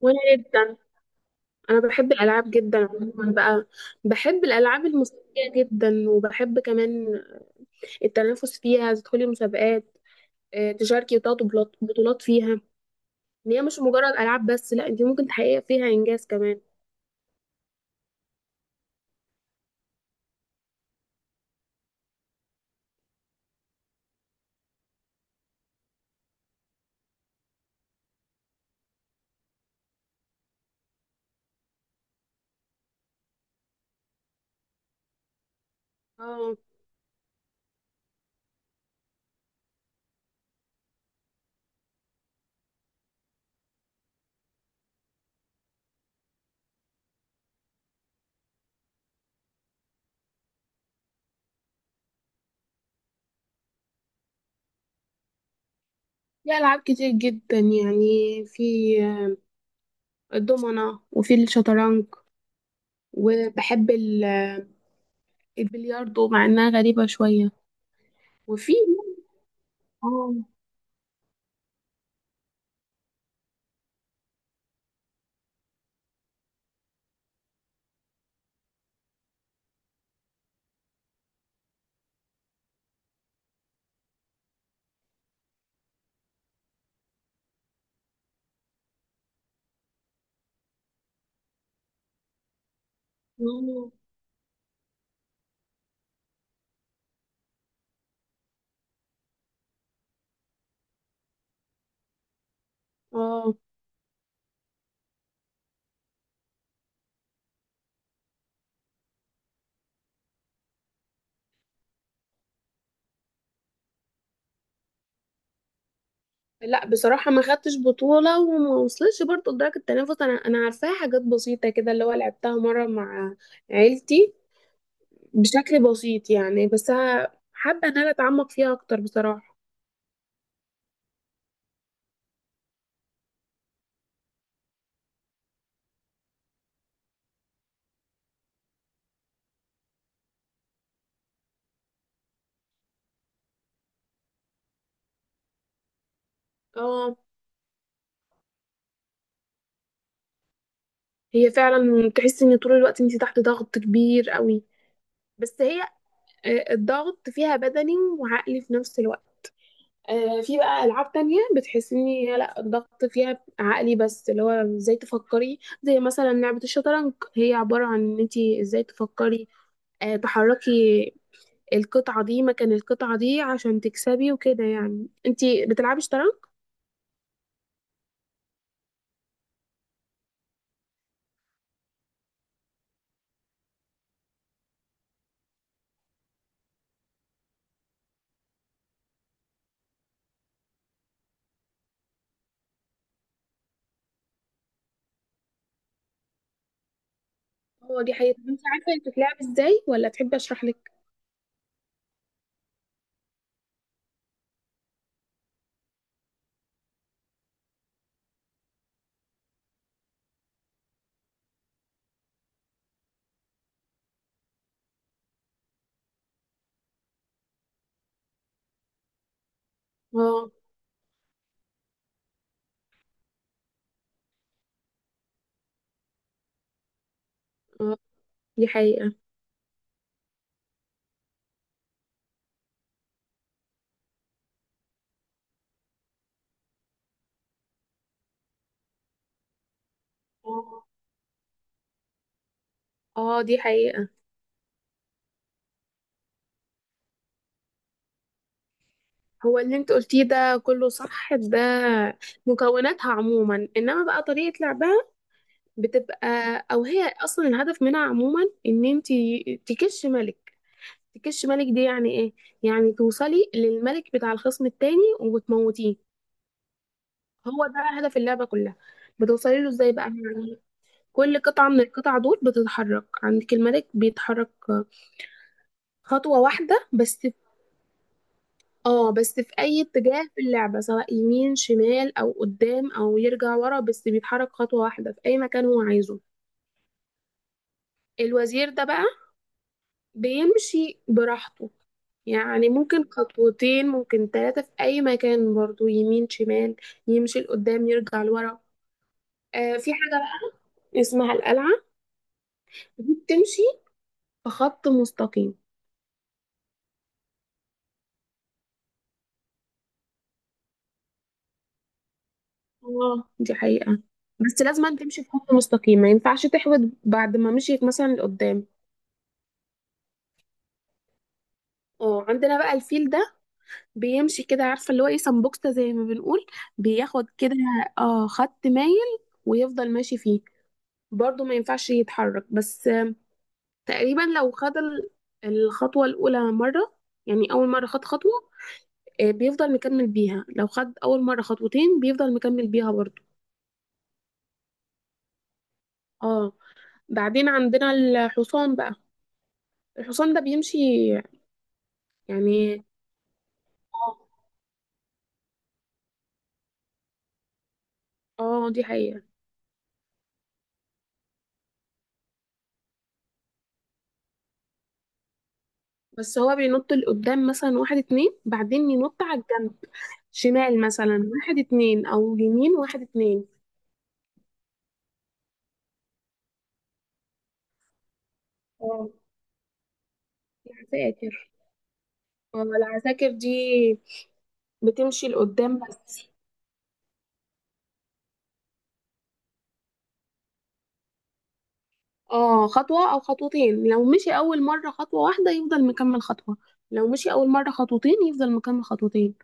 وانا جدا. انا بحب الالعاب جدا عموما بقى. بحب الالعاب الموسيقيه جدا، وبحب كمان التنافس فيها، تدخلي مسابقات، تشاركي وتاخدي بطولات فيها. ان هي مش مجرد العاب بس، لا انت ممكن تحققي فيها انجاز كمان. اه، في العاب كتير جدا يعني. في آه، الضمنه وفي الشطرنج، وبحب البلياردو مع انها غريبه شويه. وفي اه اه آه. لا بصراحة ما خدتش بطولة، وما وصلتش برضه لدرجة التنافس. أنا عارفاها حاجات بسيطة كده، اللي هو لعبتها مرة مع عيلتي بشكل بسيط يعني. بس حابة إن أنا أتعمق فيها أكتر بصراحة. اه، هي فعلا تحس إن طول الوقت أنت تحت ضغط كبير قوي. بس هي الضغط فيها بدني وعقلي في نفس الوقت. في بقى ألعاب تانية بتحس إن هي لا، الضغط فيها عقلي بس، اللي هو إزاي تفكري. زي مثلا لعبة الشطرنج، هي عبارة عن إن أنت إزاي تفكري، تحركي القطعة دي مكان القطعة دي عشان تكسبي وكده يعني. انتي بتلعبي شطرنج؟ هو دي حقيقة. طب انتي عارفة هي بتتلعب ازاي، ولا تحبي اشرح لك؟ اه. اه دي حقيقة. اه، دي حقيقة. هو اللي انت قلتيه ده كله صح. ده مكوناتها عموما، انما بقى طريقة لعبها بتبقى، او هي اصلا الهدف منها عموما، ان انت تكش ملك. تكش ملك دي يعني ايه؟ يعني توصلي للملك بتاع الخصم التاني وتموتيه. هو ده هدف اللعبة كلها. بتوصلي له ازاي بقى يعني؟ كل قطعة من القطع دول بتتحرك. عندك الملك بيتحرك خطوة واحدة بس في، اه، بس في اي اتجاه في اللعبة، سواء يمين شمال او قدام او يرجع ورا، بس بيتحرك خطوة واحدة في اي مكان هو عايزه. الوزير ده بقى بيمشي براحته، يعني ممكن خطوتين ممكن ثلاثة في اي مكان، برضو يمين شمال، يمشي لقدام يرجع لورا. آه، في حاجة بقى اسمها القلعة. دي بتمشي في خط مستقيم. اه دي حقيقة. بس لازم أن تمشي في خط مستقيم، ما ينفعش تحود بعد ما مشيت مثلا لقدام. اه، عندنا بقى الفيل ده بيمشي كده، عارفة اللي هو ايه، سمبوكسة زي ما بنقول. بياخد كده، اه، خط مايل ويفضل ماشي فيه. برضه ما ينفعش يتحرك، بس تقريبا لو خد الخطوة الأولى مرة، يعني أول مرة خد خطوة، بيفضل مكمل بيها. لو خد أول مرة خطوتين بيفضل مكمل بيها برضه. اه، بعدين عندنا الحصان بقى. الحصان ده بيمشي يعني، اه دي حقيقة. بس هو بينط لقدام مثلا واحد اتنين، بعدين ينط على الجنب، شمال مثلا واحد اتنين، او يمين واحد اتنين. اه، العساكر. اه، العساكر دي بتمشي لقدام بس. اه، خطوة او خطوتين. لو مشي اول مرة خطوة واحدة يفضل مكمل خطوة، لو مشي اول مرة خطوتين يفضل مكمل خطوتين.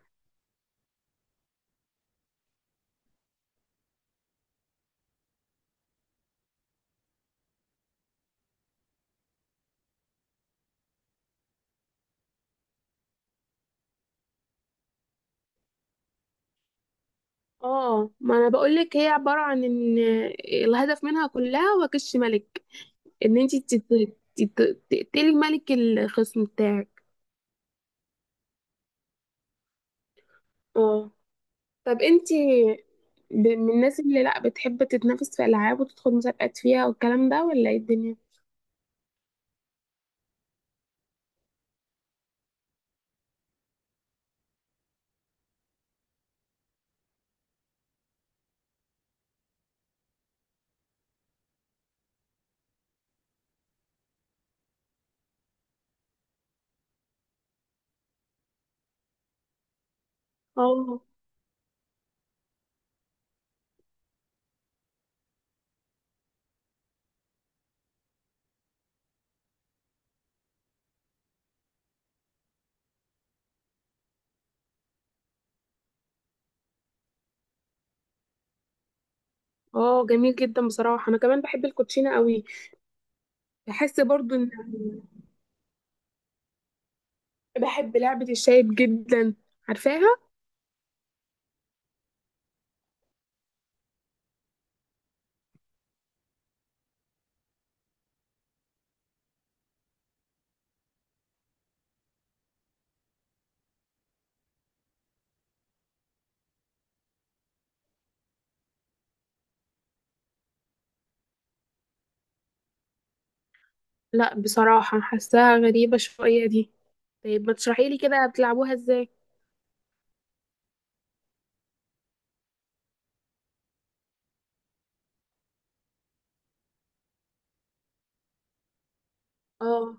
اه، ما انا بقولك هي عبارة عن ان الهدف منها كلها هو كش ملك. ان انت تقتلي ملك الخصم بتاعك. اه. طب انت من الناس اللي لا بتحب تتنافس في العاب وتدخل مسابقات فيها والكلام ده، ولا ايه الدنيا؟ اه. اه جميل جدا بصراحة، انا كمان بحب الكوتشينة قوي. بحس برضو ان، بحب لعبة الشايب جدا. عارفاها؟ لا بصراحة حاساها غريبة شوية دي. طيب ما تشرحي لي كده بتلعبوها ازاي. اه.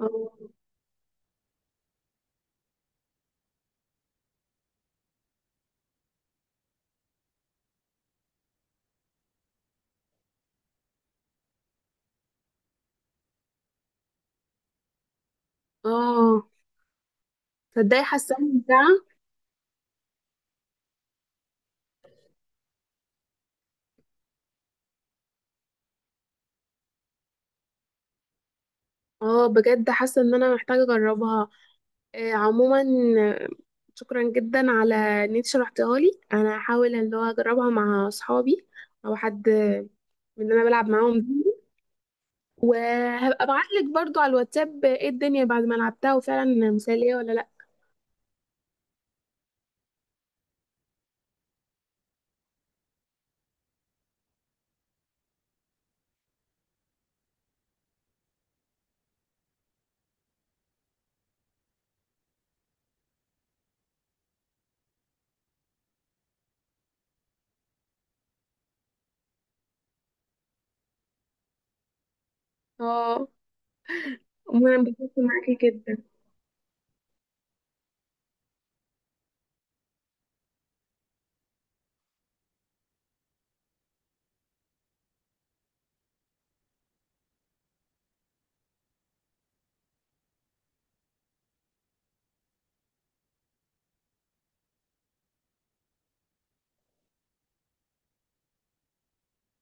اه. اه تصدقي حاساها ممتعة. اه بجد حاسه ان انا محتاجه اجربها. عموما، آه، شكرا جدا على ان انت شرحتها لي. انا هحاول اللي هو اجربها مع اصحابي او حد من اللي انا بلعب معاهم دي. وهبقى ابعت لك برضو على الواتساب ايه الدنيا بعد ما لعبتها، وفعلا مثاليه ولا لا. اه. عموما انبسطت معاكي جدا.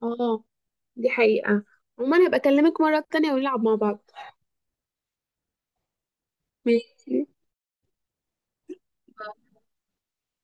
اه دي حقيقه. عموما هبقى اكلمك مره تانية ونلعب مع بعض. ماشي.